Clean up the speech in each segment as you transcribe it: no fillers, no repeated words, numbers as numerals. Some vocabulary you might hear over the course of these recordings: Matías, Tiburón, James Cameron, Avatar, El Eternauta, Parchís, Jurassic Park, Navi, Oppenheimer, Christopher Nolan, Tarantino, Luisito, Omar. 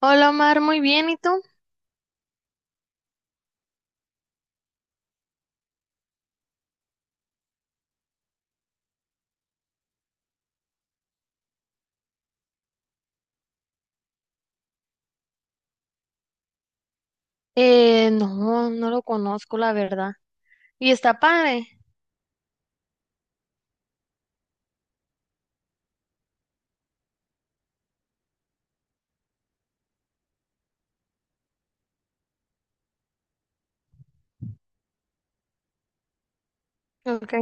Hola Omar, muy bien, ¿y tú? No lo conozco, la verdad. ¿Y está padre? Ok.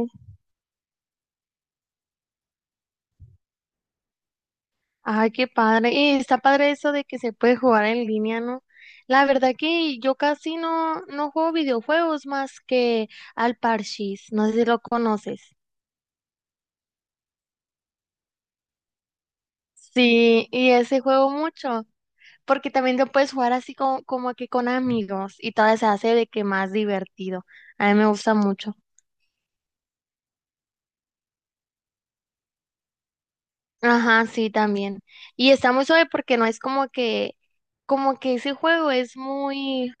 Ay, qué padre. Y está padre eso de que se puede jugar en línea, ¿no? La verdad que yo casi no, no juego videojuegos más que al Parchís, no sé si lo conoces. Sí, y ese juego mucho, porque también lo puedes jugar como que con amigos y todavía se hace de que más divertido. A mí me gusta mucho. Ajá, sí, también. Y está muy suave porque no es como que ese juego es muy,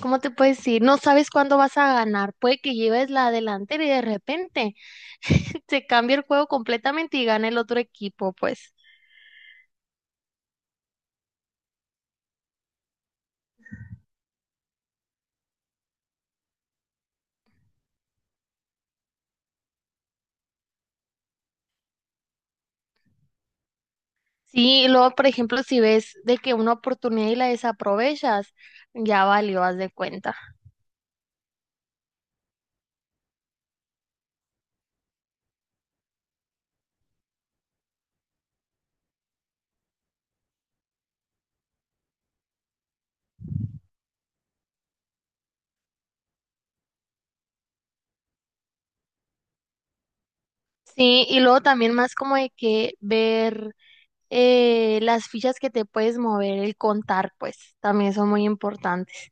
¿cómo te puedo decir? No sabes cuándo vas a ganar. Puede que lleves la delantera y de repente se cambia el juego completamente y gana el otro equipo, pues. Sí, y luego, por ejemplo, si ves de que una oportunidad y la desaprovechas, ya valió, haz de cuenta. Sí, y luego también más como de que ver las fichas que te puedes mover, el contar, pues, también son muy importantes.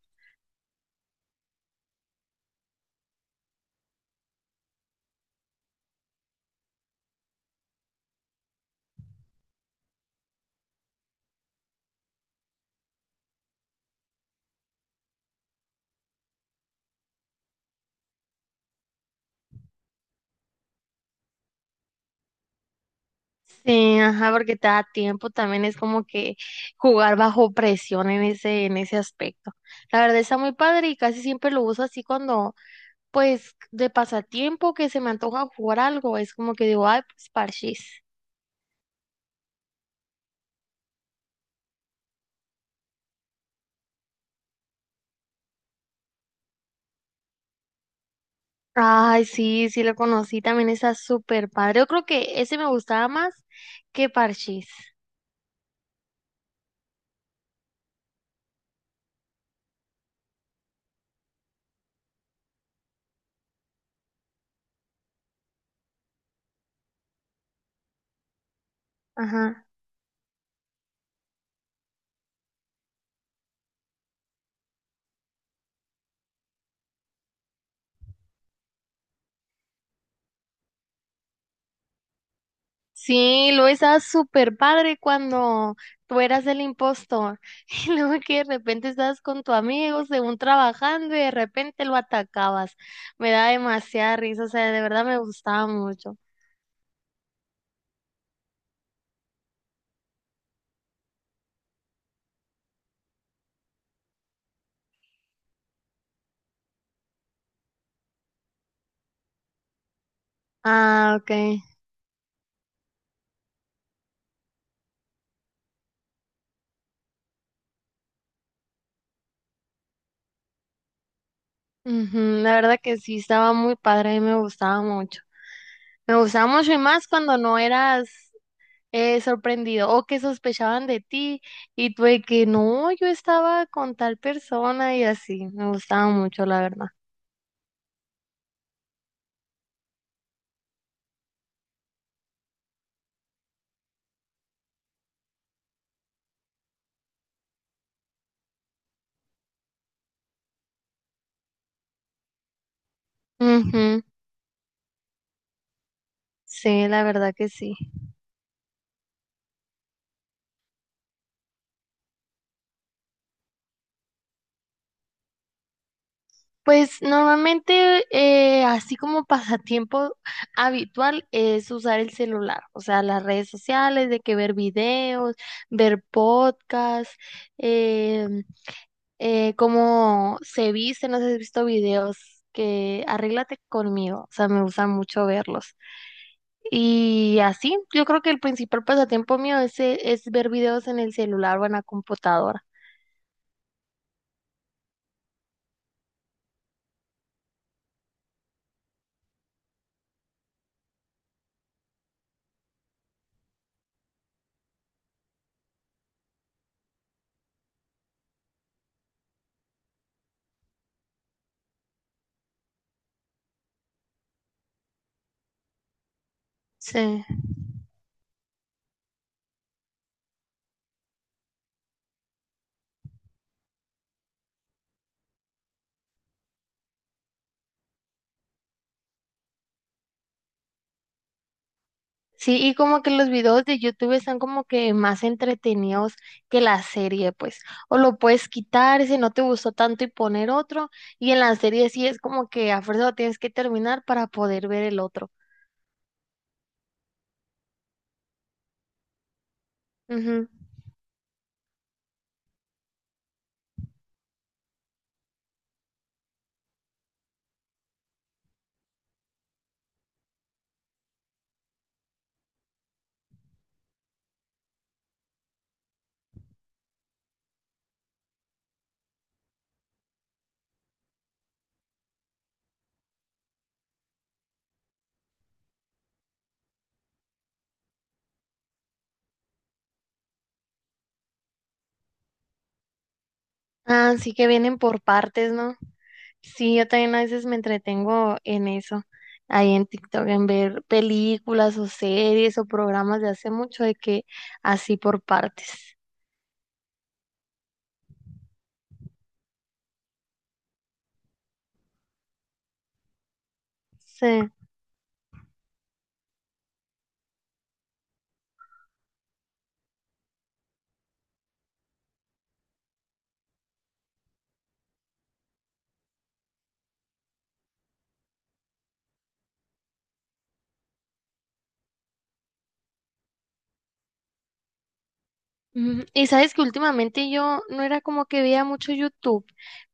Sí, ajá, porque te da tiempo, también es como que jugar bajo presión en en ese aspecto. La verdad está muy padre y casi siempre lo uso así pues, de pasatiempo que se me antoja jugar algo, es como que digo, ay, pues parchís. Ay, sí, sí lo conocí, también está súper padre. Yo creo que ese me gustaba más que parchís. Ajá. Sí, luego estaba súper padre cuando tú eras el impostor. Y luego que de repente estabas con tu amigo, según trabajando, y de repente lo atacabas. Me da demasiada risa, o sea, de verdad me gustaba mucho. Ah, ok. Ujú. La verdad que sí, estaba muy padre y me gustaba mucho. Me gustaba mucho y más cuando no eras sorprendido o que sospechaban de ti y tú de que no, yo estaba con tal persona y así. Me gustaba mucho, la verdad. Ujú. Sí, la verdad que sí. Pues normalmente, así como pasatiempo habitual, es usar el celular, o sea, las redes sociales, de que ver videos, ver podcasts, eh, cómo se viste, no sé si has visto videos que arréglate conmigo, o sea, me gusta mucho verlos. Y así, yo creo que el principal pasatiempo mío es ver videos en el celular o en la computadora. Sí. Sí, y como que los videos de YouTube están como que más entretenidos que la serie, pues. O lo puedes quitar si no te gustó tanto y poner otro. Y en la serie sí es como que a fuerza lo tienes que terminar para poder ver el otro. Ujú. Ah, sí que vienen por partes, ¿no? Sí, yo también a veces me entretengo en eso, ahí en TikTok, en ver películas o series o programas de hace mucho de que así por partes. Sí. Ujú. Y sabes que últimamente yo no era como que veía mucho YouTube,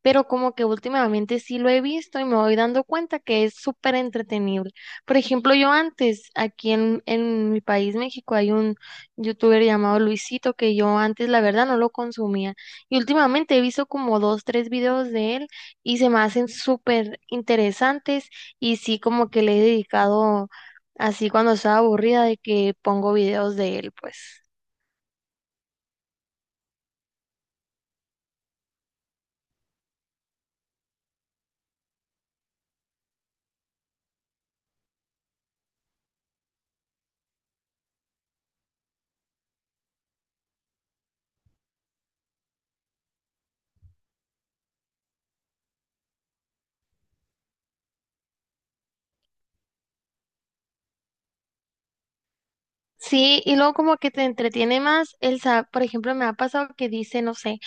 pero como que últimamente sí lo he visto y me voy dando cuenta que es súper entretenible. Por ejemplo, yo antes, en mi país, México, hay un youtuber llamado Luisito que yo antes la verdad no lo consumía. Y últimamente he visto como 2 o 3 videos de él y se me hacen súper interesantes y sí como que le he dedicado así cuando estaba aburrida de que pongo videos de él, pues. Sí, y luego como que te entretiene más el saber, por ejemplo, me ha pasado que dice, no sé,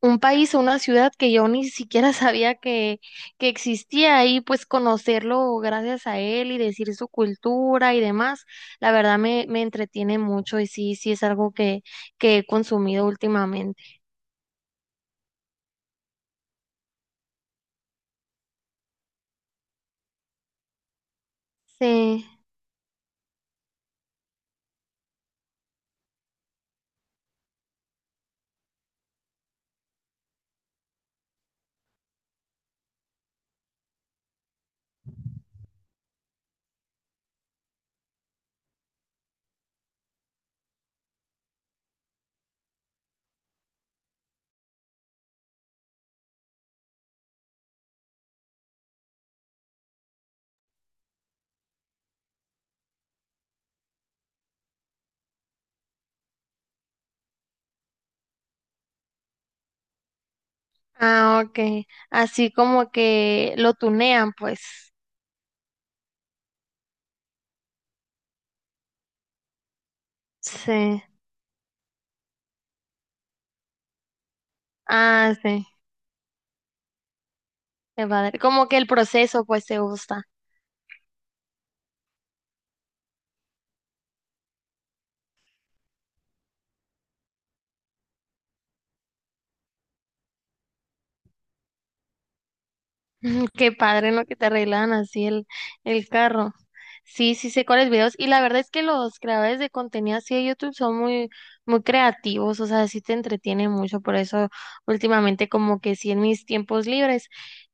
un país o una ciudad que yo ni siquiera sabía que existía y pues conocerlo gracias a él y decir su cultura y demás, me entretiene mucho y sí, sí es algo que he consumido últimamente. Sí, ah, ok, así como que lo tunean, pues, sí, ah, sí, qué padre, como que el proceso pues te gusta. Mm, qué padre en lo que te arreglan así el carro. Sí, sí sé cuáles videos. Y la verdad es que los creadores de contenido así de YouTube son muy, muy creativos, o sea, sí te entretienen mucho. Por eso últimamente como que sí en mis tiempos libres,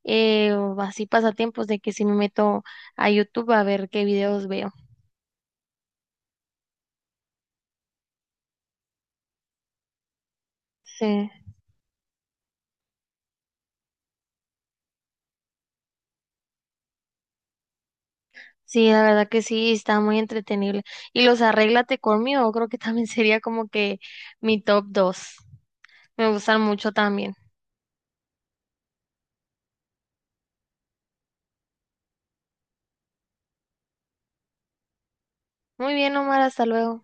o así pasatiempos de que sí me meto a YouTube a ver qué videos veo. Sí. Sí, la verdad que sí, está muy entretenible. Y los Arréglate conmigo, creo que también sería como que mi top 2. Me gustan mucho también. Muy bien, Omar, hasta luego.